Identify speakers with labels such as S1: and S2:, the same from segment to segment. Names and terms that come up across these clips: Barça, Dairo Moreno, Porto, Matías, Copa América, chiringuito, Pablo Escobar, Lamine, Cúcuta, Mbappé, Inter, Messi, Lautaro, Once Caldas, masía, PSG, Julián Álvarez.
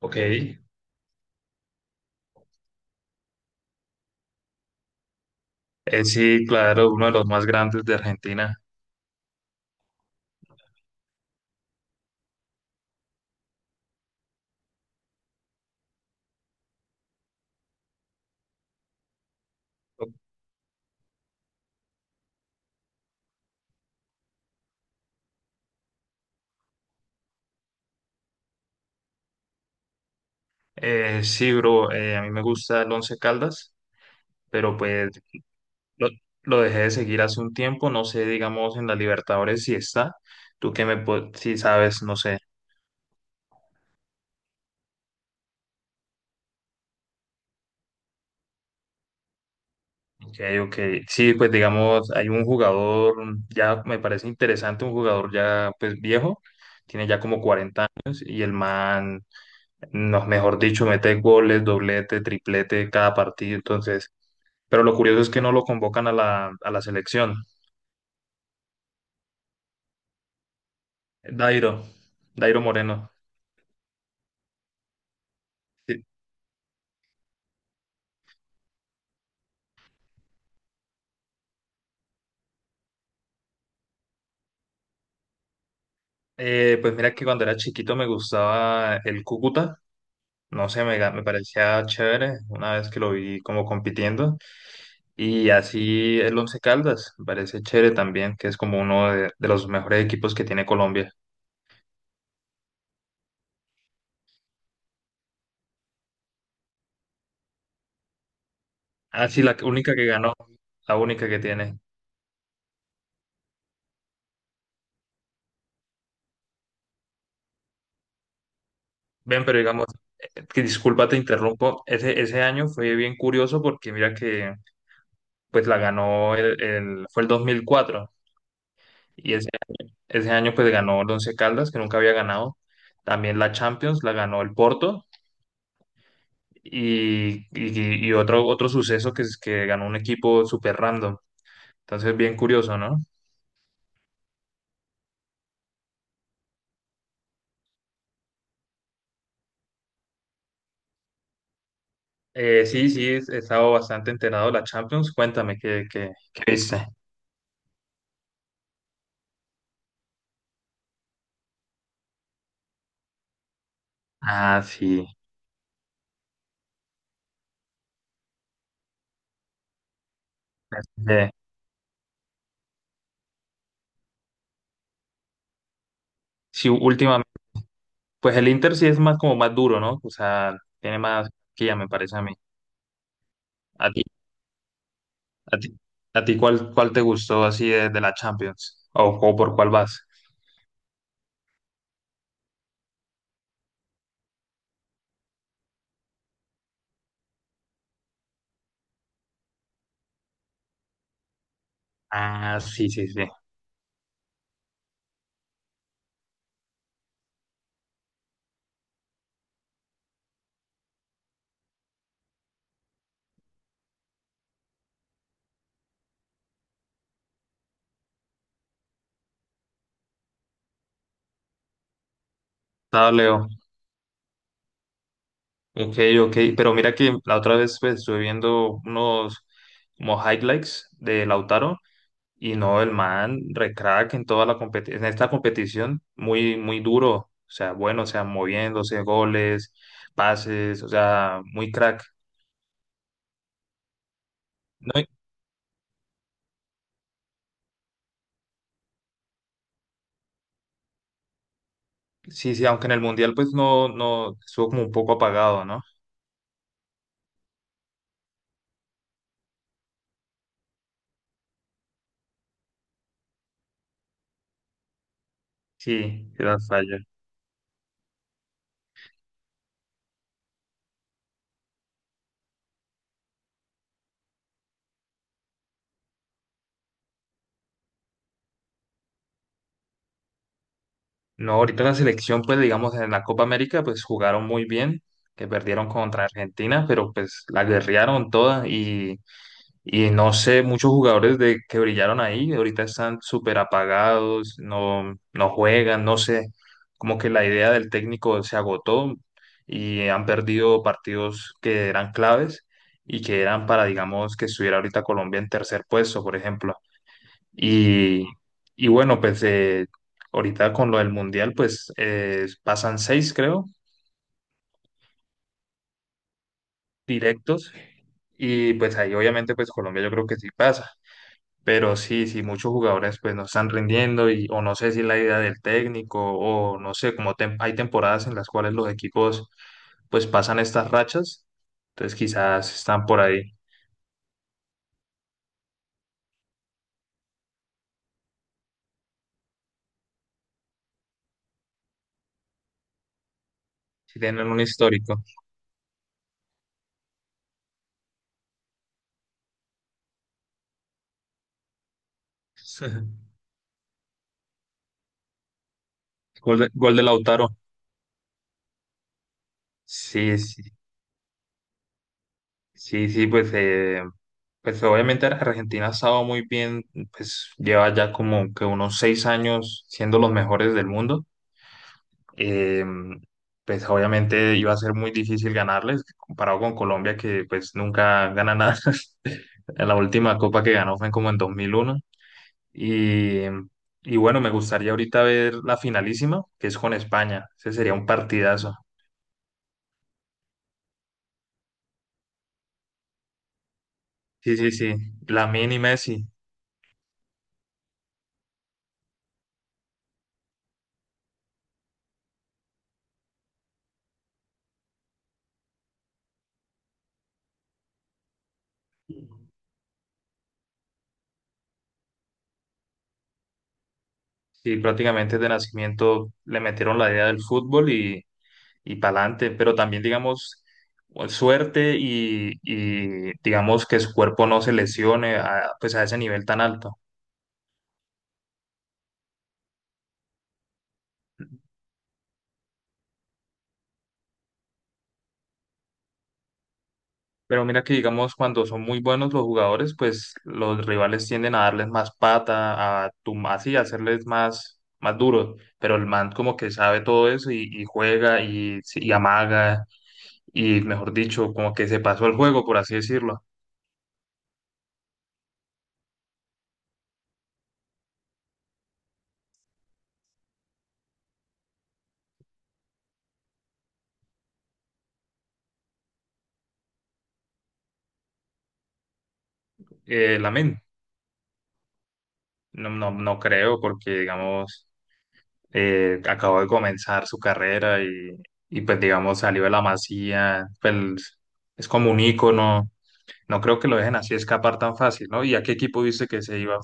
S1: Ok. Sí, claro, uno de los más grandes de Argentina. Sí, bro, a mí me gusta el Once Caldas, pero pues lo, lo dejé de seguir hace un tiempo, no sé, digamos, en la Libertadores si está, tú que me, si sabes, no sé, ok, ok, sí, pues digamos, hay un jugador, ya me parece interesante, un jugador ya pues viejo, tiene ya como 40 años y el man nos mejor dicho, mete goles, doblete, triplete cada partido, entonces, pero lo curioso es que no lo convocan a la selección. Dairo, Dairo Moreno. Sí. Pues mira que cuando era chiquito me gustaba el Cúcuta, no sé, me parecía chévere una vez que lo vi como compitiendo, y así el Once Caldas, me parece chévere también, que es como uno de los mejores equipos que tiene Colombia. Ah, sí, la única que ganó, la única que tiene. Ven, pero digamos, que disculpa, te interrumpo. Ese año fue bien curioso porque mira que pues la ganó fue el 2004 y ese año pues ganó el Once Caldas que nunca había ganado. También la Champions la ganó el Porto y otro suceso que es que ganó un equipo súper random. Entonces, bien curioso, ¿no? Sí, sí, he estado bastante enterado de la Champions. Cuéntame qué viste. Ah, sí. Sí, sí, últimamente. Pues el Inter sí es más como más duro, ¿no? O sea, tiene más que ya me parece a mí. ¿A ti, a ti, a ti cuál te gustó así de la Champions? ¿O por cuál vas? Ah, sí, sí, sí. Estado Leo. Ok, ok. Pero mira que la otra vez pues, estuve viendo unos como highlights de Lautaro y no, el man recrack en esta competición muy, muy duro. O sea, bueno, o sea, moviéndose, goles, pases, o sea, muy crack. No, sí, sí, aunque en el Mundial pues no, estuvo como un poco apagado, ¿no? Sí, era falla. No, ahorita la selección pues digamos en la Copa América pues jugaron muy bien, que perdieron contra Argentina, pero pues la guerrearon toda. Y no sé, muchos jugadores que brillaron ahí, ahorita están súper apagados, no juegan, no sé, como que la idea del técnico se agotó y han perdido partidos que eran claves y que eran para, digamos, que estuviera ahorita Colombia en tercer puesto, por ejemplo. Y, y bueno, pues ahorita con lo del Mundial, pues pasan seis, creo, directos. Y pues ahí obviamente pues Colombia yo creo que sí pasa. Pero sí, sí, muchos jugadores pues no están rindiendo y o no sé si es la idea del técnico o no sé, como hay temporadas en las cuales los equipos pues pasan estas rachas, entonces quizás están por ahí, si tienen un histórico. Gol de Lautaro. Sí, sí, sí, sí, pues, pues obviamente Argentina ha estado muy bien, pues lleva ya como que unos 6 años siendo los mejores del mundo. eh, pues obviamente iba a ser muy difícil ganarles, comparado con Colombia, que pues nunca gana nada. La última copa que ganó fue como en 2001. Y, y bueno, me gustaría ahorita ver la finalísima, que es con España. Ese sería un partidazo. Sí, sí, sí. Lamine y Messi. Sí, prácticamente de nacimiento le metieron la idea del fútbol y para adelante, pero también, digamos, suerte y, digamos que su cuerpo no se lesione pues a ese nivel tan alto. Pero mira que, digamos, cuando son muy buenos los jugadores, pues los rivales tienden a darles más pata, a tum así, a hacerles más duros. Pero el man como que sabe todo eso y juega y, sí, y amaga y, mejor dicho, como que se pasó el juego, por así decirlo. Lamine, no, no, no creo porque, digamos... acabó de comenzar su carrera y, pues digamos salió de la masía, pues es como un ícono, no creo que lo dejen así escapar tan fácil, ¿no? ¿Y a qué equipo viste que se iba?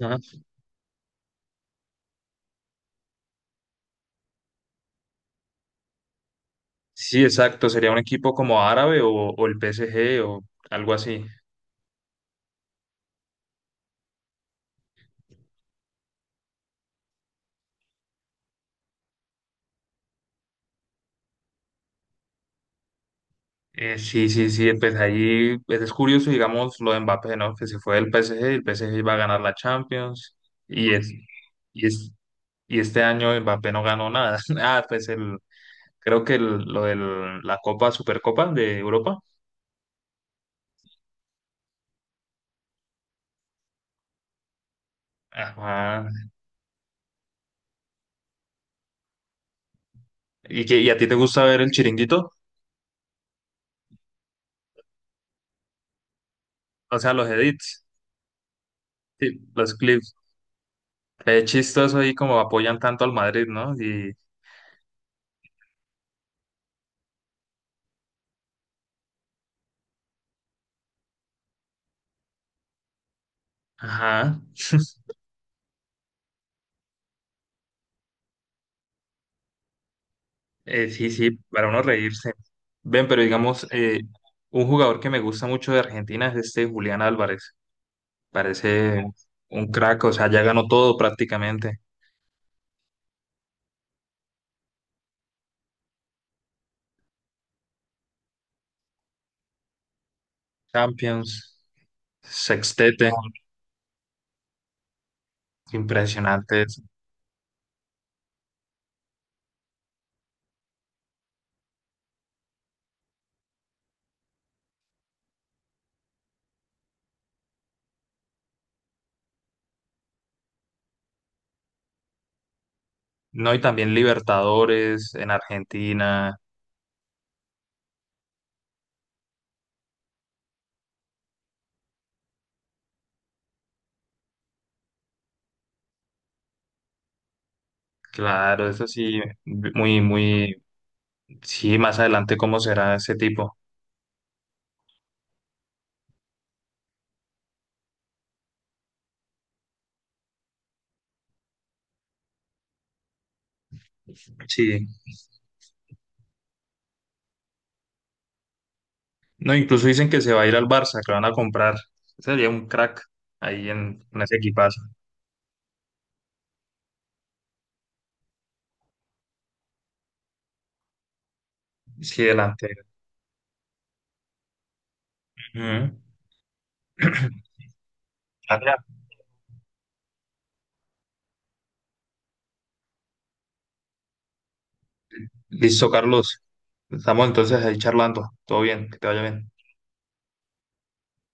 S1: Ajá. Sí, exacto, sería un equipo como árabe o el PSG o algo así. Sí, sí, sí, pues ahí pues, es curioso, digamos, lo de Mbappé, ¿no? Que se fue del PSG, el PSG iba a ganar la Champions y es, y es, y este año Mbappé no ganó nada. Ah, pues el, creo que el- lo de la Copa, Supercopa de Europa. Ajá. ¿Y a ti te gusta ver el chiringuito? O sea, los edits, sí, los clips. Es chistoso ahí como apoyan tanto al Madrid, ¿no? Y, ajá. Sí, sí, para uno reírse. Ven, pero digamos, un jugador que me gusta mucho de Argentina es este Julián Álvarez. Parece un crack, o sea, ya ganó todo prácticamente. Champions, sextete, impresionante. No, y también Libertadores en Argentina, claro, eso sí, muy, muy, sí, más adelante cómo será ese tipo. Sí, no, incluso dicen que se va a ir al Barça, que lo van a comprar. Sería un crack ahí en ese equipazo. Sí, delantero. Ujú. Ah, ya. Listo, Carlos. Estamos entonces ahí charlando. Todo bien, que te vaya bien.